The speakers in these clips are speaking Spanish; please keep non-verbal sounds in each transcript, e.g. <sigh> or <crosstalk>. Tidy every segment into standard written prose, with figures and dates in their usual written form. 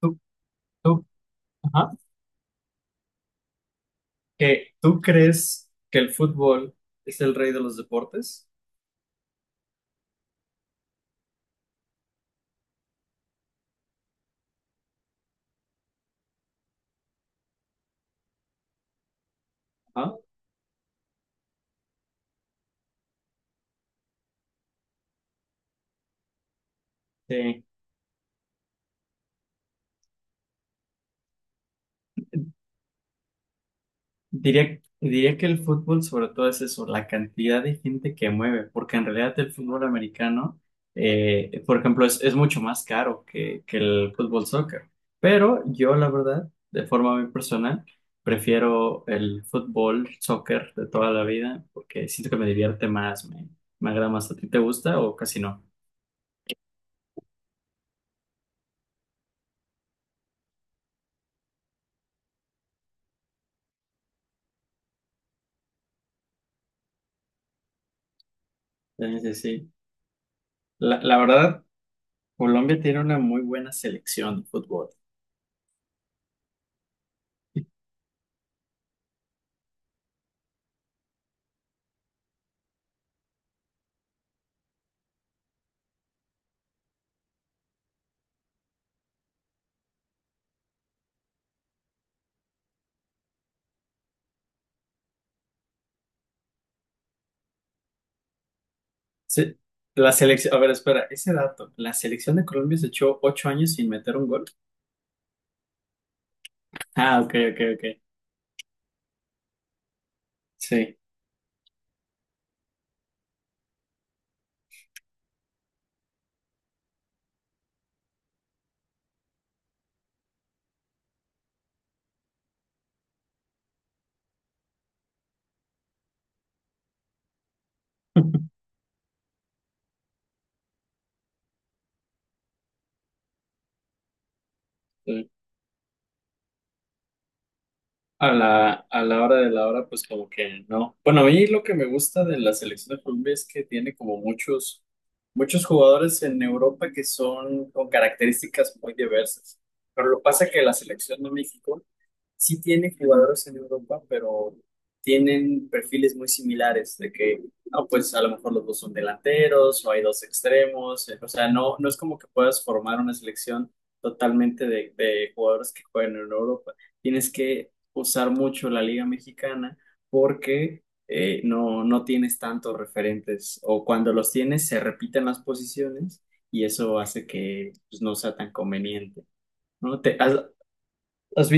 ¿Tú, tú, ajá, tú crees que el fútbol es el rey de los deportes? Ajá. Sí. Diría que el fútbol sobre todo es eso, la cantidad de gente que mueve, porque en realidad el fútbol americano, por ejemplo, es mucho más caro que el fútbol soccer. Pero yo, la verdad, de forma muy personal, prefiero el fútbol soccer de toda la vida, porque siento que me divierte más, me agrada más. ¿A ti te gusta o casi no? Sí, sí, sí. La verdad, Colombia tiene una muy buena selección de fútbol. Sí, la selección, a ver, espera, ese dato, la selección de Colombia se echó 8 años sin meter un gol. Ah, ok, ok, ok. Sí. <laughs> Sí. A la hora de la hora, pues como que no. Bueno, a mí lo que me gusta de la selección de Colombia es que tiene como muchos jugadores en Europa que son con características muy diversas. Pero lo que pasa es que la selección de México sí tiene jugadores en Europa, pero tienen perfiles muy similares, de que, ah, pues a lo mejor los dos son delanteros o hay dos extremos, o sea, no es como que puedas formar una selección totalmente de jugadores que juegan en Europa. Tienes que usar mucho la Liga Mexicana porque no tienes tantos referentes o cuando los tienes se repiten las posiciones y eso hace que pues, no sea tan conveniente. ¿No? Has,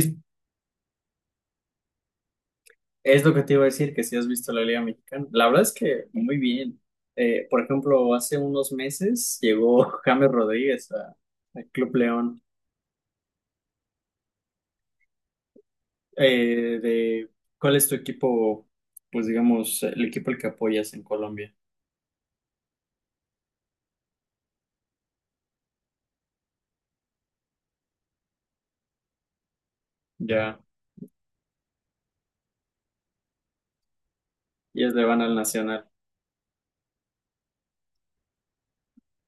Es lo que te iba a decir, que si has visto la Liga Mexicana. La verdad es que muy bien. Por ejemplo, hace unos meses llegó <laughs> James Rodríguez a- al Club León. Eh, de, ¿Cuál es tu equipo, pues digamos, el equipo al que apoyas en Colombia? Ya, ellos le van al Nacional.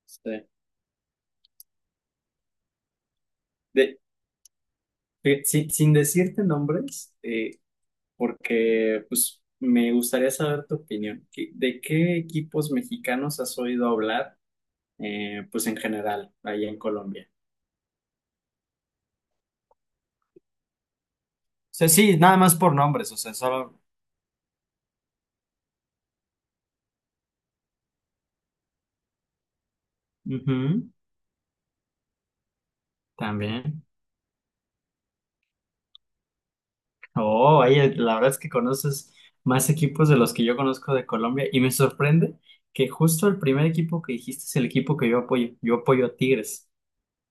Sí. De- sin, Sin decirte nombres, porque pues me gustaría saber tu opinión. ¿De qué equipos mexicanos has oído hablar? Pues en general, ahí en Colombia. Sea, sí, nada más por nombres, o sea, solo... Ujú, también. Oh, oye, la verdad es que conoces más equipos de los que yo conozco de Colombia y me sorprende que justo el primer equipo que dijiste es el equipo que yo apoyo. Yo apoyo a Tigres.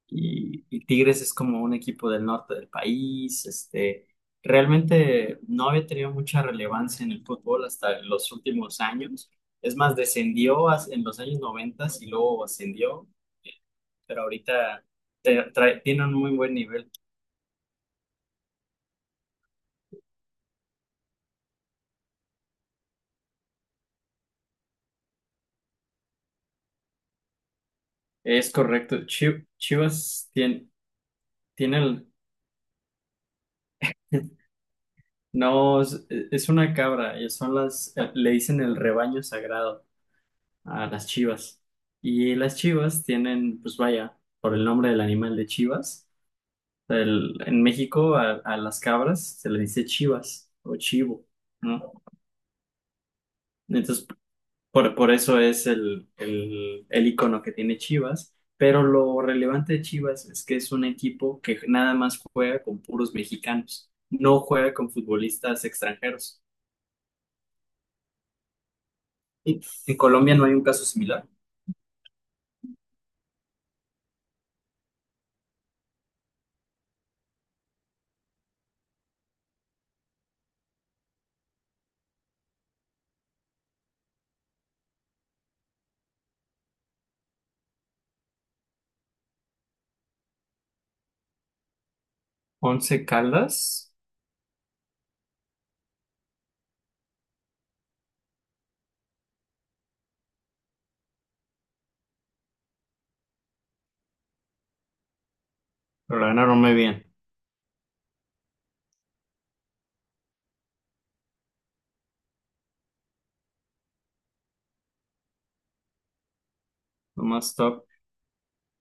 Y, y Tigres es como un equipo del norte del país, este, realmente no había tenido mucha relevancia en el fútbol hasta los últimos años. Es más, en los años 90 y luego ascendió, pero ahorita tiene un muy buen nivel. Es correcto. Chivas tiene, tiene el... <laughs> No, es una cabra, y son las, le dicen el rebaño sagrado a las chivas. Y las chivas tienen, pues vaya, por el nombre del animal de chivas, en México a las cabras se le dice chivas o chivo, ¿no? Entonces, por eso es el icono que tiene Chivas. Pero lo relevante de Chivas es que es un equipo que nada más juega con puros mexicanos, no juega con futbolistas extranjeros. Y en Colombia no hay un caso similar. Once Caldas, pero la verdad no me bien. Lo más top.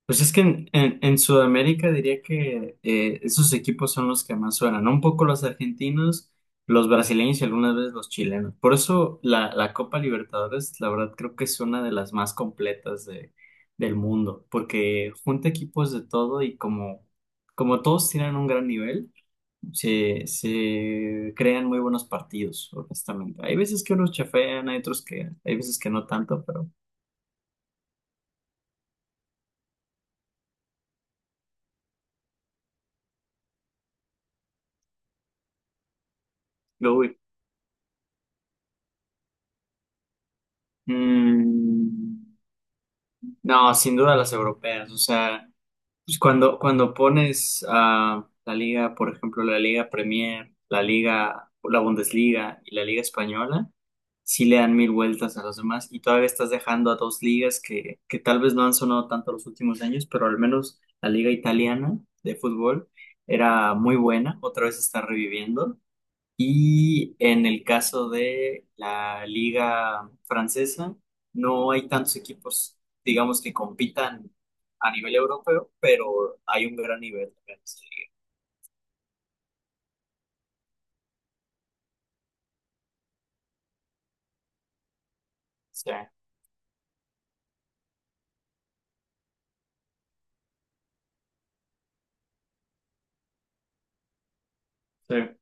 Pues es que en Sudamérica diría que esos equipos son los que más suenan, ¿no? Un poco los argentinos, los brasileños y algunas veces los chilenos. Por eso la Copa Libertadores, la verdad, creo que es una de las más completas de, del mundo, porque junta equipos de todo y como, como todos tienen un gran nivel, se crean muy buenos partidos, honestamente. Hay veces que unos chafean, hay otros que, hay veces que no tanto, pero... lo uy. Mm, no, sin duda las europeas. O sea, pues cuando pones a la liga, por ejemplo, la Liga Premier, la Bundesliga y la Liga Española, sí le dan mil vueltas a los demás y todavía estás dejando a dos ligas que tal vez no han sonado tanto los últimos años, pero al menos la Liga Italiana de fútbol era muy buena, otra vez está reviviendo y en el caso de la liga francesa, no hay tantos equipos, digamos, que compitan a nivel europeo, pero hay un gran nivel también. Sí, sí.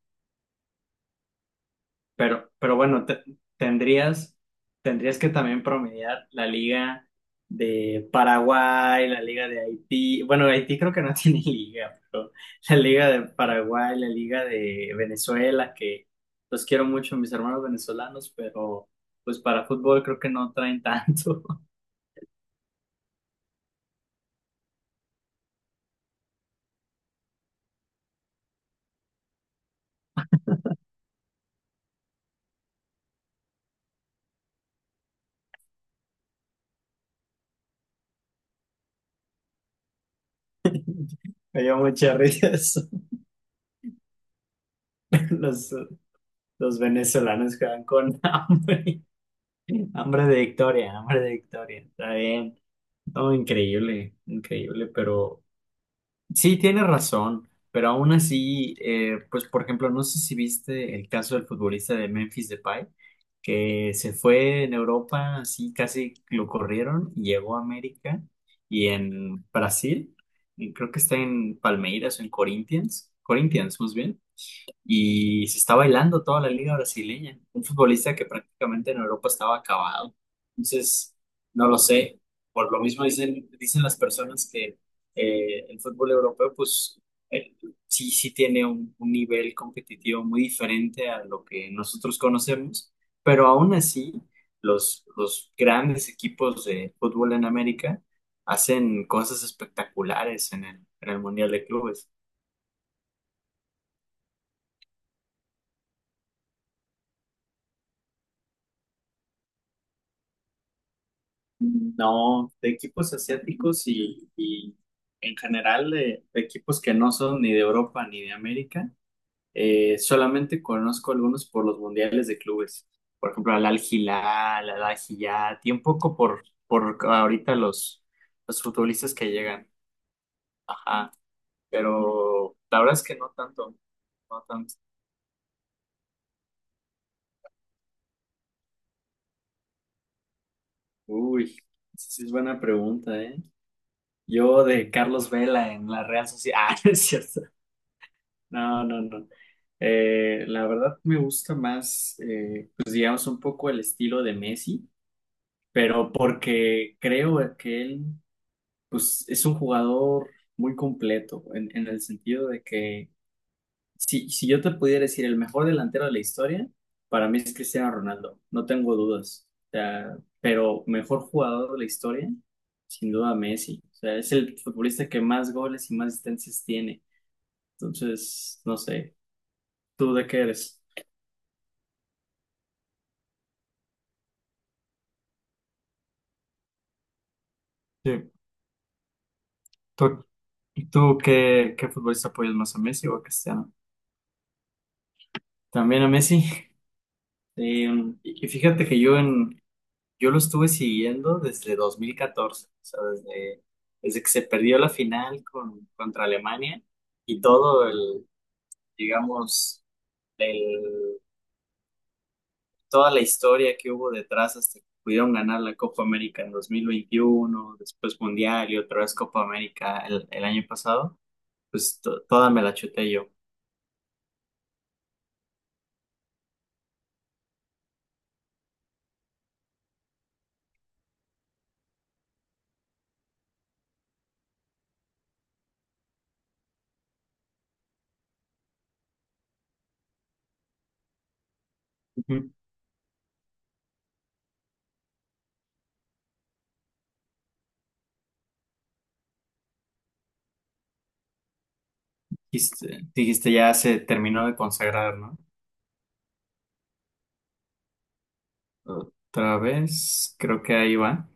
Pero bueno, tendrías, tendrías que también promediar la liga de Paraguay, la liga de Haití. Bueno, Haití creo que no <laughs> tiene liga, pero la liga de Paraguay, la liga de Venezuela, que los quiero mucho, mis hermanos venezolanos, pero pues para fútbol creo que no traen tanto. <laughs> Me dio mucha risa eso. <laughs> Los, los venezolanos que van con <laughs> hambre, hambre de victoria, hambre de victoria. Está bien. No, increíble, increíble, pero sí tiene razón, pero aún así, pues por ejemplo, no sé si viste el caso del futbolista de Memphis Depay, que se fue en Europa, así casi lo corrieron, y llegó a América y en Brasil, y creo que está en Palmeiras o en Corinthians, Corinthians, más bien y se está bailando toda la liga brasileña. Un futbolista que prácticamente en Europa estaba acabado. Entonces, no lo sé. Por lo mismo dicen, dicen las personas que el fútbol europeo, pues eh, sí, sí tiene un nivel competitivo muy diferente a lo que nosotros conocemos, pero aún así, los grandes equipos de fútbol en América hacen cosas espectaculares en en el Mundial de Clubes. No, de equipos asiáticos y en general de equipos que no son ni de Europa ni de América, solamente conozco algunos por los mundiales de clubes. Por ejemplo, al Al-Hilal, al Al-Hayat y un poco por ahorita los futbolistas que llegan. Ajá, pero la verdad es que no tanto, no tanto. Uy, esa sí es buena pregunta, ¿eh? Yo de Carlos Vela en la Real Sociedad. <laughs> Ah, no es cierto. No, no, no. La verdad me gusta más, pues digamos, un poco el estilo de Messi, pero porque creo que él, pues es un jugador muy completo, en el sentido de que si, si yo te pudiera decir el mejor delantero de la historia, para mí es Cristiano Ronaldo, no tengo dudas. O sea, pero mejor jugador de la historia, sin duda Messi. O sea, es el futbolista que más goles y más asistencias tiene. Entonces, no sé, ¿tú de qué eres? Sí. ¿Tú, Qué futbolista apoyas más, ¿a Messi o a Cristiano? También a Messi. <laughs> Eh, y fíjate que yo lo estuve siguiendo desde 2014, o sea, desde, desde que se perdió la final con, contra Alemania y todo digamos, el, toda la historia que hubo detrás hasta que pudieron ganar la Copa América en 2021 después Mundial y otra vez Copa América el año pasado, pues toda me la chuté yo. Dijiste ya se terminó de consagrar, ¿no? Otra vez, creo que ahí va.